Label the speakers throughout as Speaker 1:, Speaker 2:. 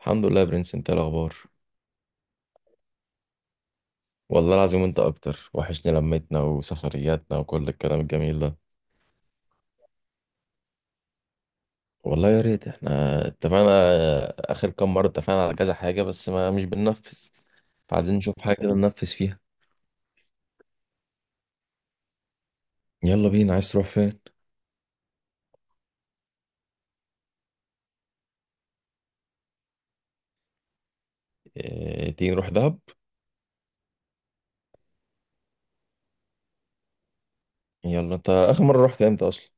Speaker 1: الحمد لله يا برنس، انت ايه الاخبار؟ والله العظيم انت اكتر، وحشني لمتنا وسفرياتنا وكل الكلام الجميل ده. والله يا ريت. احنا اتفقنا اخر كام مره، اتفقنا على كذا حاجه بس ما مش بننفذ. فعايزين نشوف حاجه كده ننفذ فيها. يلا بينا، عايز تروح فين؟ اه تيجي نروح دهب. يلا، انت اخر مره رحت امتى اصلا؟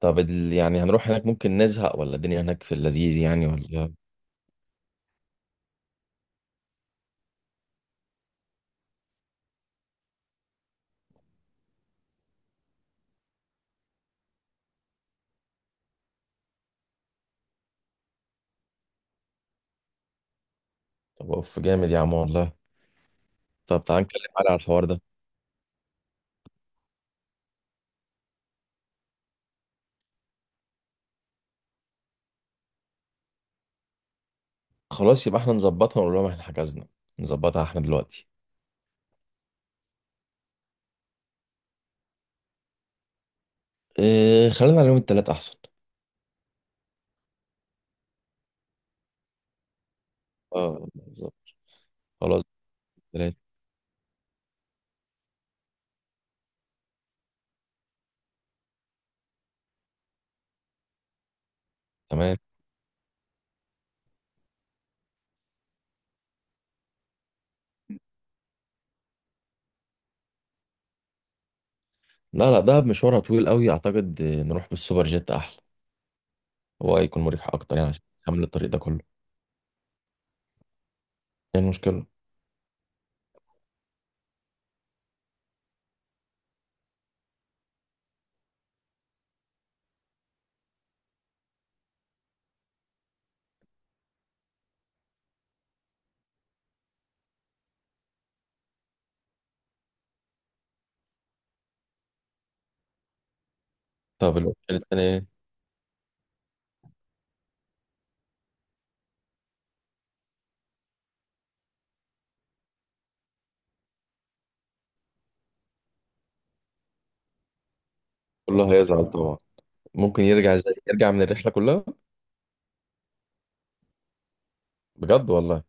Speaker 1: طب يعني هنروح هناك ممكن نزهق ولا الدنيا هناك في اللذيذ يعني ولا؟ طب اوف جامد يا عم والله. طب تعال نتكلم على الحوار ده. خلاص يبقى احنا نظبطها ونقول لهم احنا حجزنا. نظبطها احنا دلوقتي. إيه، خلينا على يوم التلات احسن. اه بالظبط. خلاص، التلات. تمام. لا لا، دهب مشوارها طويل قوي، اعتقد آه، نروح بالسوبر جيت احلى. هو هيكون مريح اكتر يعني، عشان حمل الطريق ده كله. ايه المشكلة؟ طب الاوبشن التاني ايه؟ كله هيزعل طبعا. ممكن يرجع ازاي؟ يرجع من الرحلة كلها؟ بجد والله؟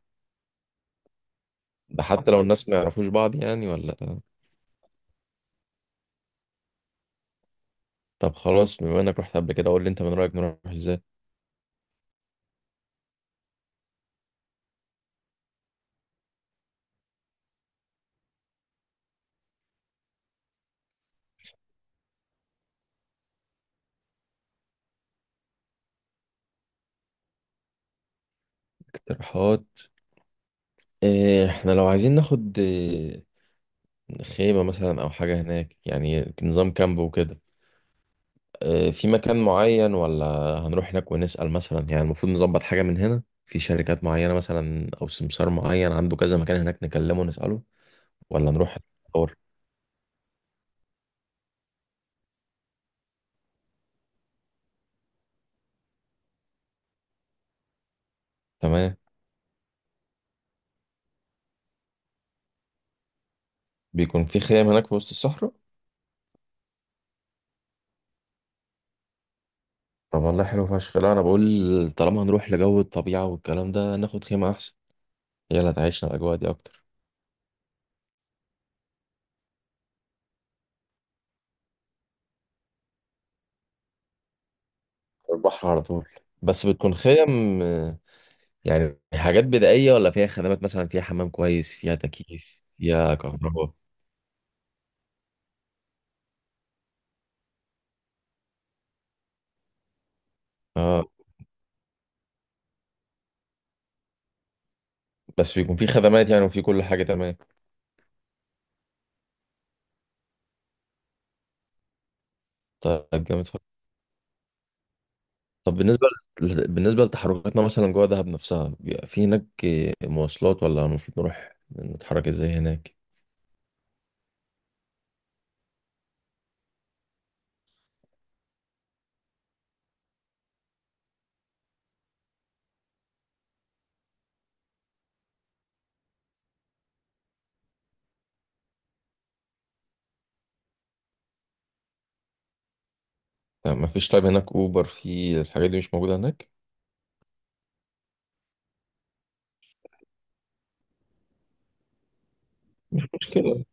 Speaker 1: ده حتى لو الناس ما يعرفوش بعض يعني ولا؟ طب خلاص، بما انك رحت قبل كده قول لي، انت من رأيك نروح ازاي؟ اقتراحات؟ إيه، احنا لو عايزين ناخد إيه، خيمة مثلا او حاجة هناك يعني، نظام كامب وكده؟ آه، في مكان معين ولا هنروح هناك ونسأل؟ مثلا يعني المفروض نظبط حاجة من هنا، في شركات معينة مثلا أو سمسار معين عنده كذا مكان هناك نكلمه ونسأله. ولا نروح ندور؟ تمام. بيكون في خيام هناك في وسط الصحراء؟ طب والله حلو فشخ. لا أنا بقول طالما هنروح لجو الطبيعة والكلام ده، ناخد خيمة أحسن. هي اللي هتعيشنا الأجواء دي أكتر. البحر على طول. بس بتكون خيم آه، يعني حاجات بدائية ولا فيها خدمات مثلا، فيها حمام كويس، فيها تكييف، فيها كهرباء؟ اه. بس بيكون في خدمات يعني وفي كل حاجة؟ تمام. طيب جامد فشخ. طب بالنسبة بالنسبة لتحركاتنا مثلا جوه دهب نفسها، بيبقى في هناك مواصلات ولا المفروض نروح نتحرك ازاي هناك؟ طب ما فيش طيب هناك اوبر؟ في الحاجات دي مش موجودة هناك؟ مشكلة.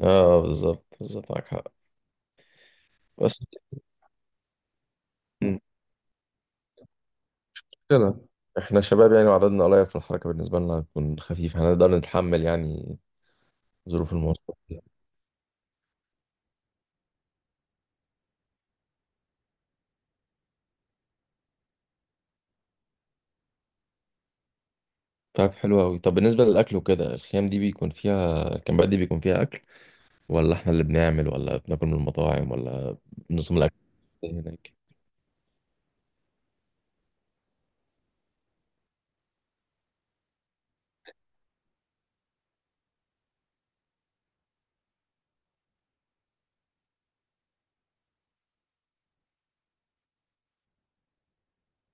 Speaker 1: اه بالظبط، بالظبط، معاك حق. بس مشكلة، احنا شباب يعني وعددنا قليل، في الحركة بالنسبة لنا هتكون خفيف، هنقدر نتحمل يعني ظروف المواصلات. طيب حلو أوي. طب بالنسبة للأكل وكده، الخيام دي بيكون فيها، الكامبات دي بيكون فيها أكل، ولا احنا اللي بنعمل، ولا بناكل من المطاعم ولا؟ نظام الاكل هناك.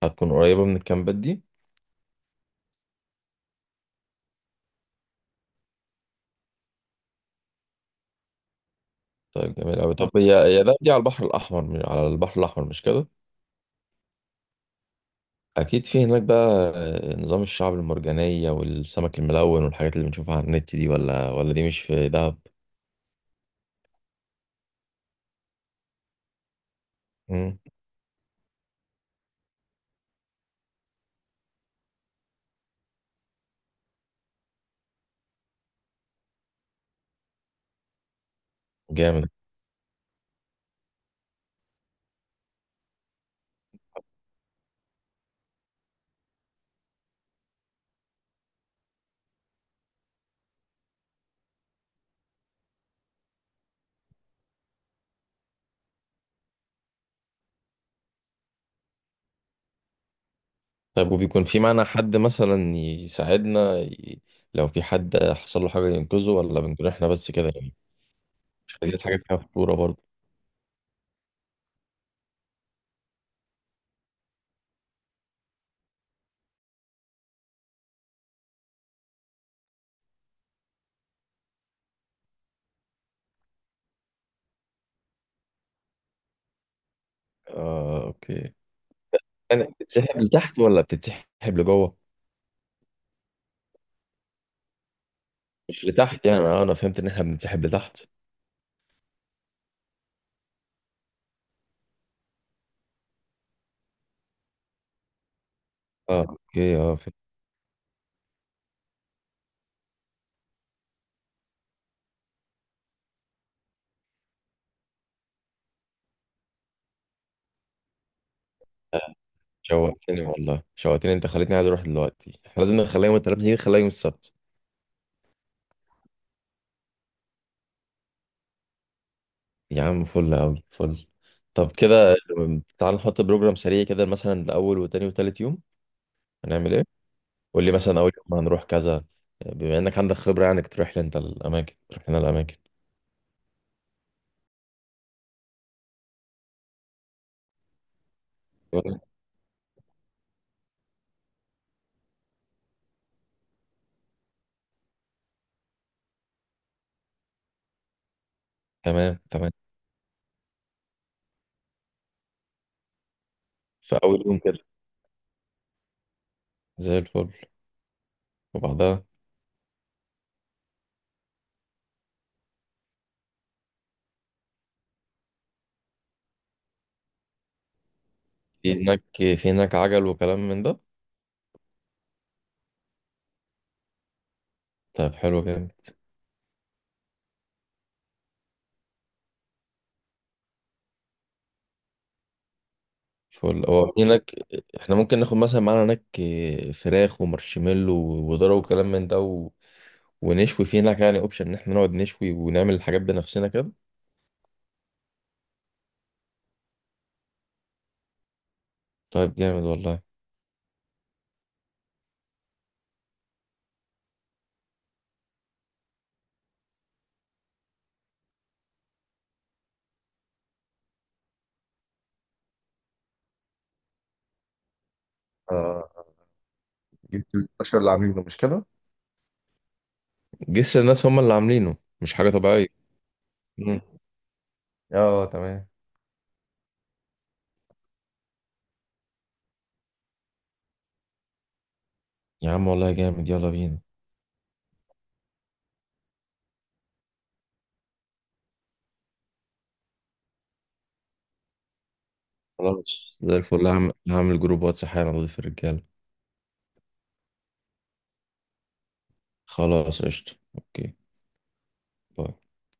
Speaker 1: هتكون قريبه من الكامبات دي؟ طيب جميل قوي. طب هي دي على البحر الاحمر على البحر الاحمر مش كده؟ اكيد في هناك بقى آه، نظام الشعب المرجانيه والسمك الملون والحاجات اللي بنشوفها على النت دي، ولا دي مش في دهب؟ مم. جامد. طيب وبيكون في معانا حد مثلا يساعدنا لو في حد حصل له حاجه ينقذه، ولا بنكون احنا بس كده يعني؟ مش عايزين حاجه فيها خطوره برضه. آه، اوكي. انا بتتسحب لتحت ولا بتتسحب لجوه؟ مش لتحت يعني؟ أنا فهمت ان احنا بنتسحب لتحت. اه اوكي، اه فهمت. شوقتني والله، شوقتني، انت خليتني عايز اروح دلوقتي. احنا لازم نخليها يوم التلات، نيجي نخليها يوم السبت. يا عم فل قوي، فل. طب كده تعال نحط بروجرام سريع كده، مثلا لاول وتاني وتالت يوم هنعمل ايه. قول لي مثلا اول يوم هنروح كذا، بما انك عندك خبرة يعني، تروح لنا الاماكن. تمام تمام. في اول يوم كده؟ زي الفل. وبعدها؟ في هناك، في هناك عجل وكلام من ده؟ طيب حلو جامد. فل هو هناك. احنا ممكن ناخد مثلا معانا هناك آه، فراخ ومارشميلو وذره وكلام من ده و... ونشوي في هناك يعني، اوبشن ان احنا نقعد نشوي ونعمل الحاجات بنفسنا كده. طيب جامد والله. آه. جبت البشر اللي عاملينه مش كده؟ جسر الناس هم اللي عاملينه، مش حاجة طبيعية؟ مم. اه تمام. يا عم والله جامد، يلا بينا. خلاص زي الفل، هعمل جروب واتس حالا، اضيف الرجالة. خلاص قشطة، اوكي. باي.